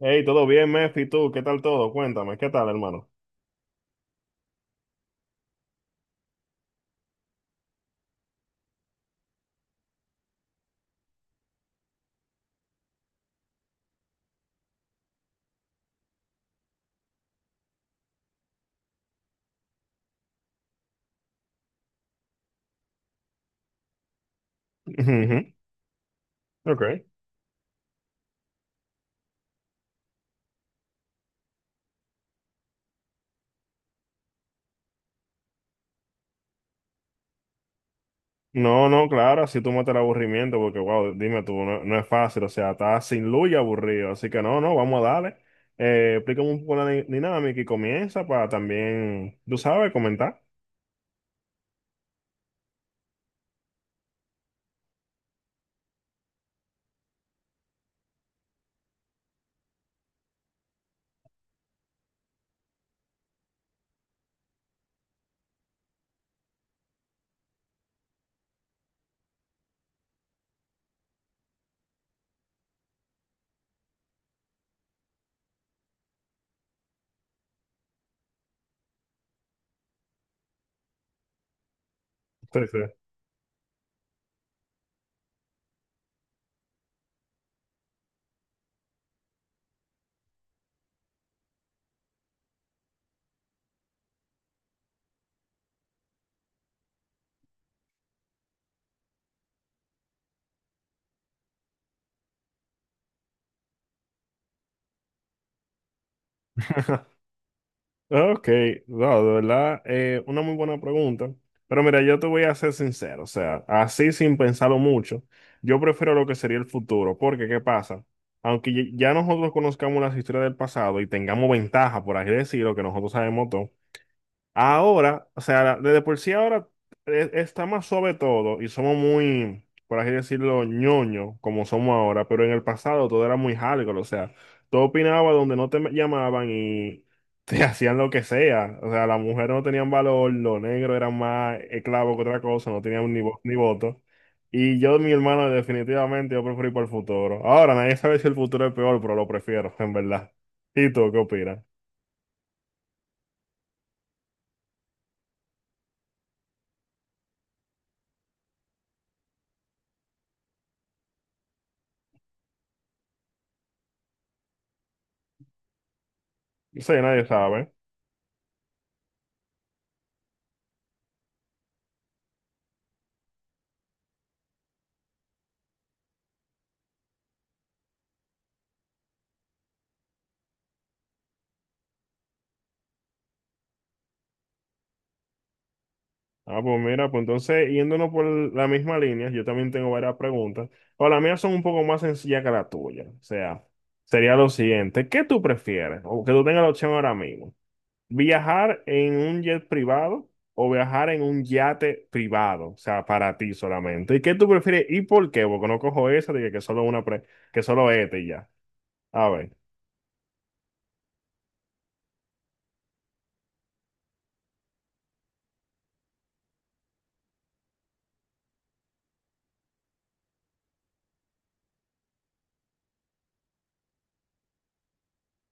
Hey, todo bien, Mefi, tú, ¿qué tal todo? Cuéntame, ¿qué tal, hermano? Ujú. Ok. No, no, claro, así tú matas el aburrimiento, porque, wow, dime tú, no, no es fácil, o sea, estás sin luz y aburrido, así que no, no, vamos a darle. Explícame un poco la dinámica y comienza para también, tú sabes, comentar. Sí, sí. Ok, no, de verdad, una muy buena pregunta. Pero mira, yo te voy a ser sincero, o sea, así sin pensarlo mucho, yo prefiero lo que sería el futuro, porque ¿qué pasa? Aunque ya nosotros conozcamos las historias del pasado y tengamos ventaja, por así decirlo, que nosotros sabemos todo. Ahora, o sea, desde por sí ahora, está más suave todo y somos muy, por así decirlo, ñoño, como somos ahora, pero en el pasado todo era muy hardcore, o sea, todo opinaba donde no te llamaban y te hacían lo que sea, o sea, las mujeres no tenían valor, los negros eran más esclavos que otra cosa, no tenían ni, ni voto. Y yo, mi hermano, definitivamente yo preferí para el futuro. Ahora, nadie sabe si el futuro es peor, pero lo prefiero, en verdad. ¿Y tú qué opinas? Sí, nadie sabe. Ah, pues mira, pues entonces, yéndonos por la misma línea, yo también tengo varias preguntas. O las mías son un poco más sencillas que la tuya. O sea, sería lo siguiente, ¿qué tú prefieres? O que tú tengas la opción ahora mismo. ¿Viajar en un jet privado o viajar en un yate privado? O sea, para ti solamente. ¿Y qué tú prefieres y por qué? Porque no cojo esa de que solo una que solo este y ya. A ver.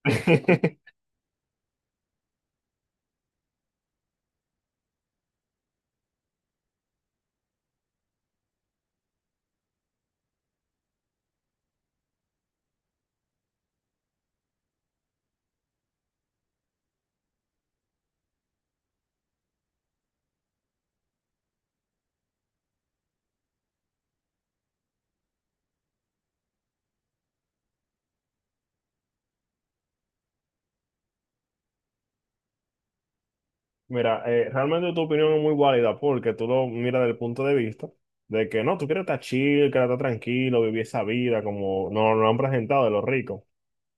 Mira, realmente tu opinión es muy válida porque tú lo miras desde el punto de vista de que no, tú quieres estar chill, quieres estar tranquilo, vivir esa vida como nos lo han presentado de los ricos.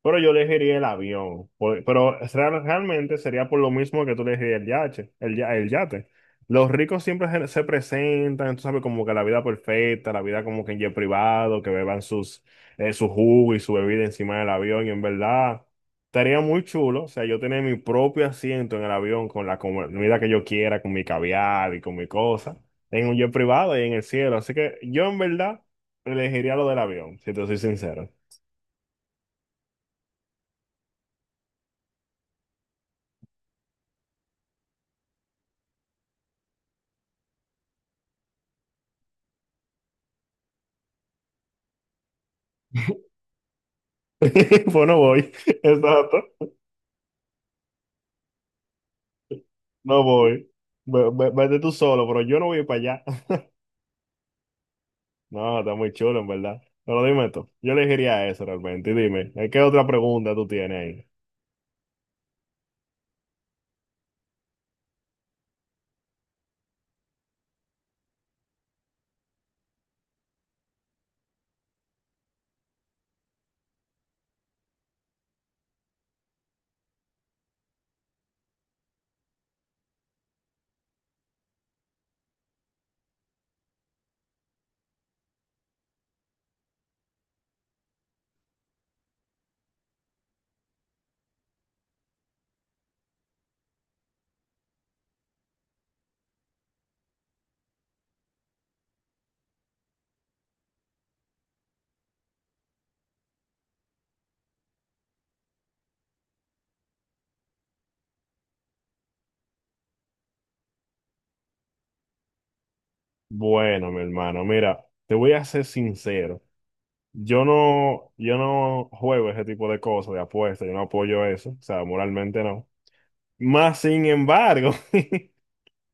Pero yo elegiría el avión, pero realmente sería por lo mismo que tú elegirías el yate, el, el yate. Los ricos siempre se presentan, tú sabes, como que la vida perfecta, la vida como que en jet privado, que beban su jugo y su bebida encima del avión, y en verdad estaría muy chulo, o sea, yo tener mi propio asiento en el avión con la comida que yo quiera, con mi caviar y con mi cosa, en un jet privado y en el cielo. Así que yo en verdad elegiría lo del avión, si te soy sincero. Pues no voy, exacto, no voy. Vete tú solo, pero yo no voy para allá. No, está muy chulo, en verdad. Pero dime tú, yo elegiría eso realmente. Y dime, ¿qué otra pregunta tú tienes ahí? Bueno, mi hermano, mira, te voy a ser sincero. Yo no juego ese tipo de cosas, de apuestas, yo no apoyo eso, o sea, moralmente no. Más sin embargo,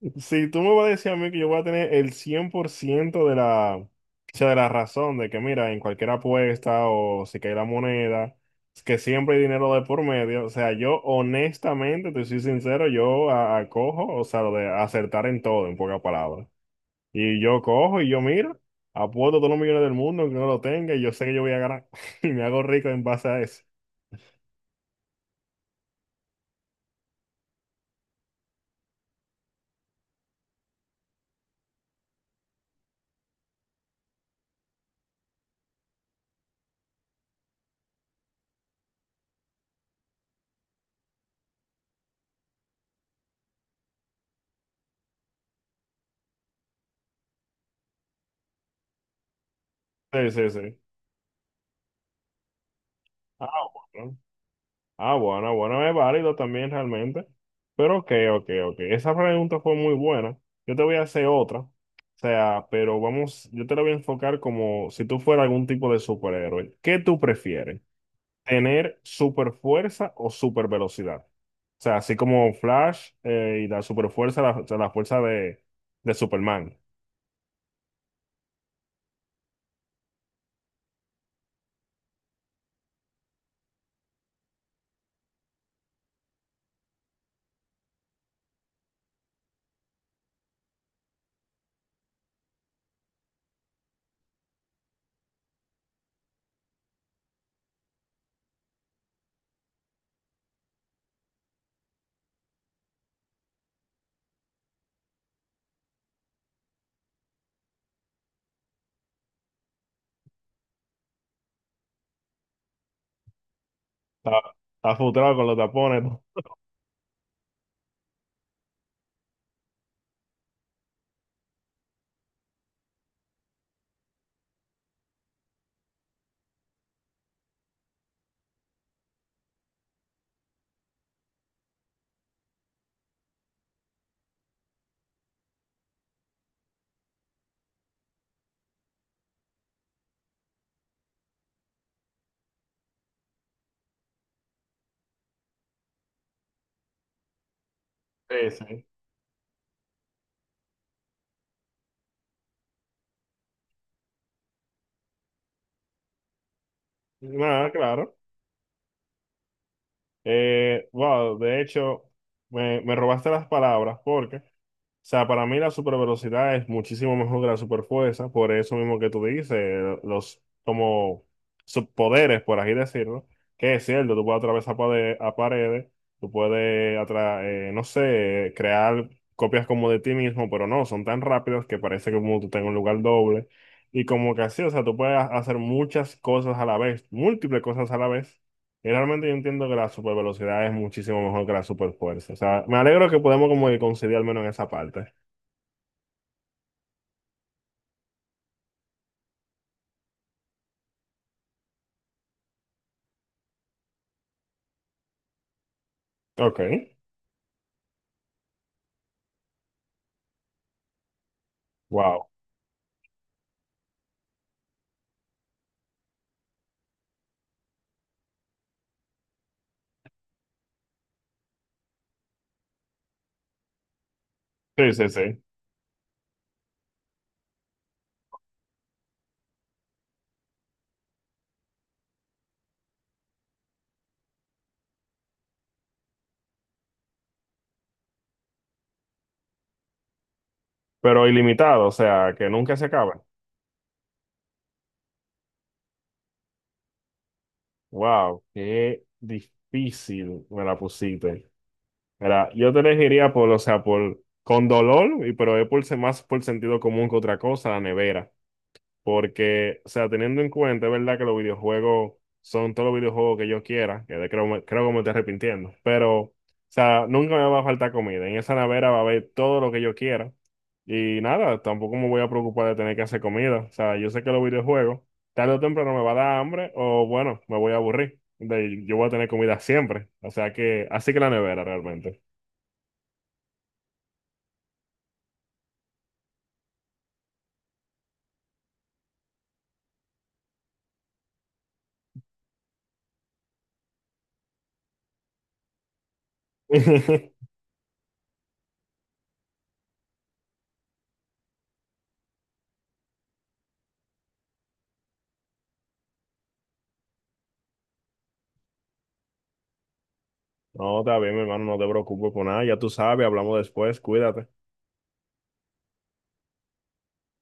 si tú me vas a decir a mí que yo voy a tener el 100% de la, o sea, de la razón de que, mira, en cualquier apuesta o si cae la moneda, es que siempre hay dinero de por medio, o sea, yo honestamente, te soy sincero, yo acojo, o sea, lo de acertar en todo, en pocas palabras. Y yo cojo y yo miro, apuesto todos los millones del mundo que no lo tenga y yo sé que yo voy a ganar. Y me hago rico en base a eso. Sí, sí, sí. Ah, bueno. Ah, bueno, bueno, es válido también realmente. Pero ok, ok, ok. Esa pregunta fue muy buena. Yo te voy a hacer otra. O sea, pero vamos, yo te la voy a enfocar como si tú fueras algún tipo de superhéroe. ¿Qué tú prefieres? Tener super fuerza o super velocidad. O sea, así como Flash, y la super fuerza, la, o sea, la fuerza de Superman. Está, está frustrado con los tapones, ¿no? Sí, sí. Nada, claro. Wow, de hecho, me robaste las palabras porque sea, para mí la supervelocidad es muchísimo mejor que la superfuerza, por eso mismo que tú dices, los como subpoderes, por así decirlo, que es cierto, tú puedes atravesar a paredes, tú puedes, no sé, crear copias como de ti mismo, pero no, son tan rápidos que parece que como tú tengas un lugar doble, y como que así, o sea, tú puedes hacer muchas cosas a la vez, múltiples cosas a la vez. Y realmente yo entiendo que la supervelocidad es muchísimo mejor que la superfuerza. O sea, me alegro que podemos como que conciliar al menos en esa parte. Ok, wow. Sí, sí, sí. Pero ilimitado, o sea, que nunca se acaba. Wow, qué difícil me la pusiste. Mira, yo te elegiría por, o sea, por, con dolor, y pero es más por sentido común que otra cosa, la nevera. Porque, o sea, teniendo en cuenta, es verdad que los videojuegos son todos los videojuegos que yo quiera, que creo, creo que me estoy arrepintiendo, pero, o sea, nunca me va a faltar comida. En esa nevera va a haber todo lo que yo quiera. Y nada, tampoco me voy a preocupar de tener que hacer comida. O sea, yo sé que los videojuegos, tarde o temprano me va a dar hambre o, bueno, me voy a aburrir. Yo voy a tener comida siempre. O sea que, así que la nevera realmente. No, está bien, mi hermano, no te preocupes por nada. Ya tú sabes, hablamos después, cuídate.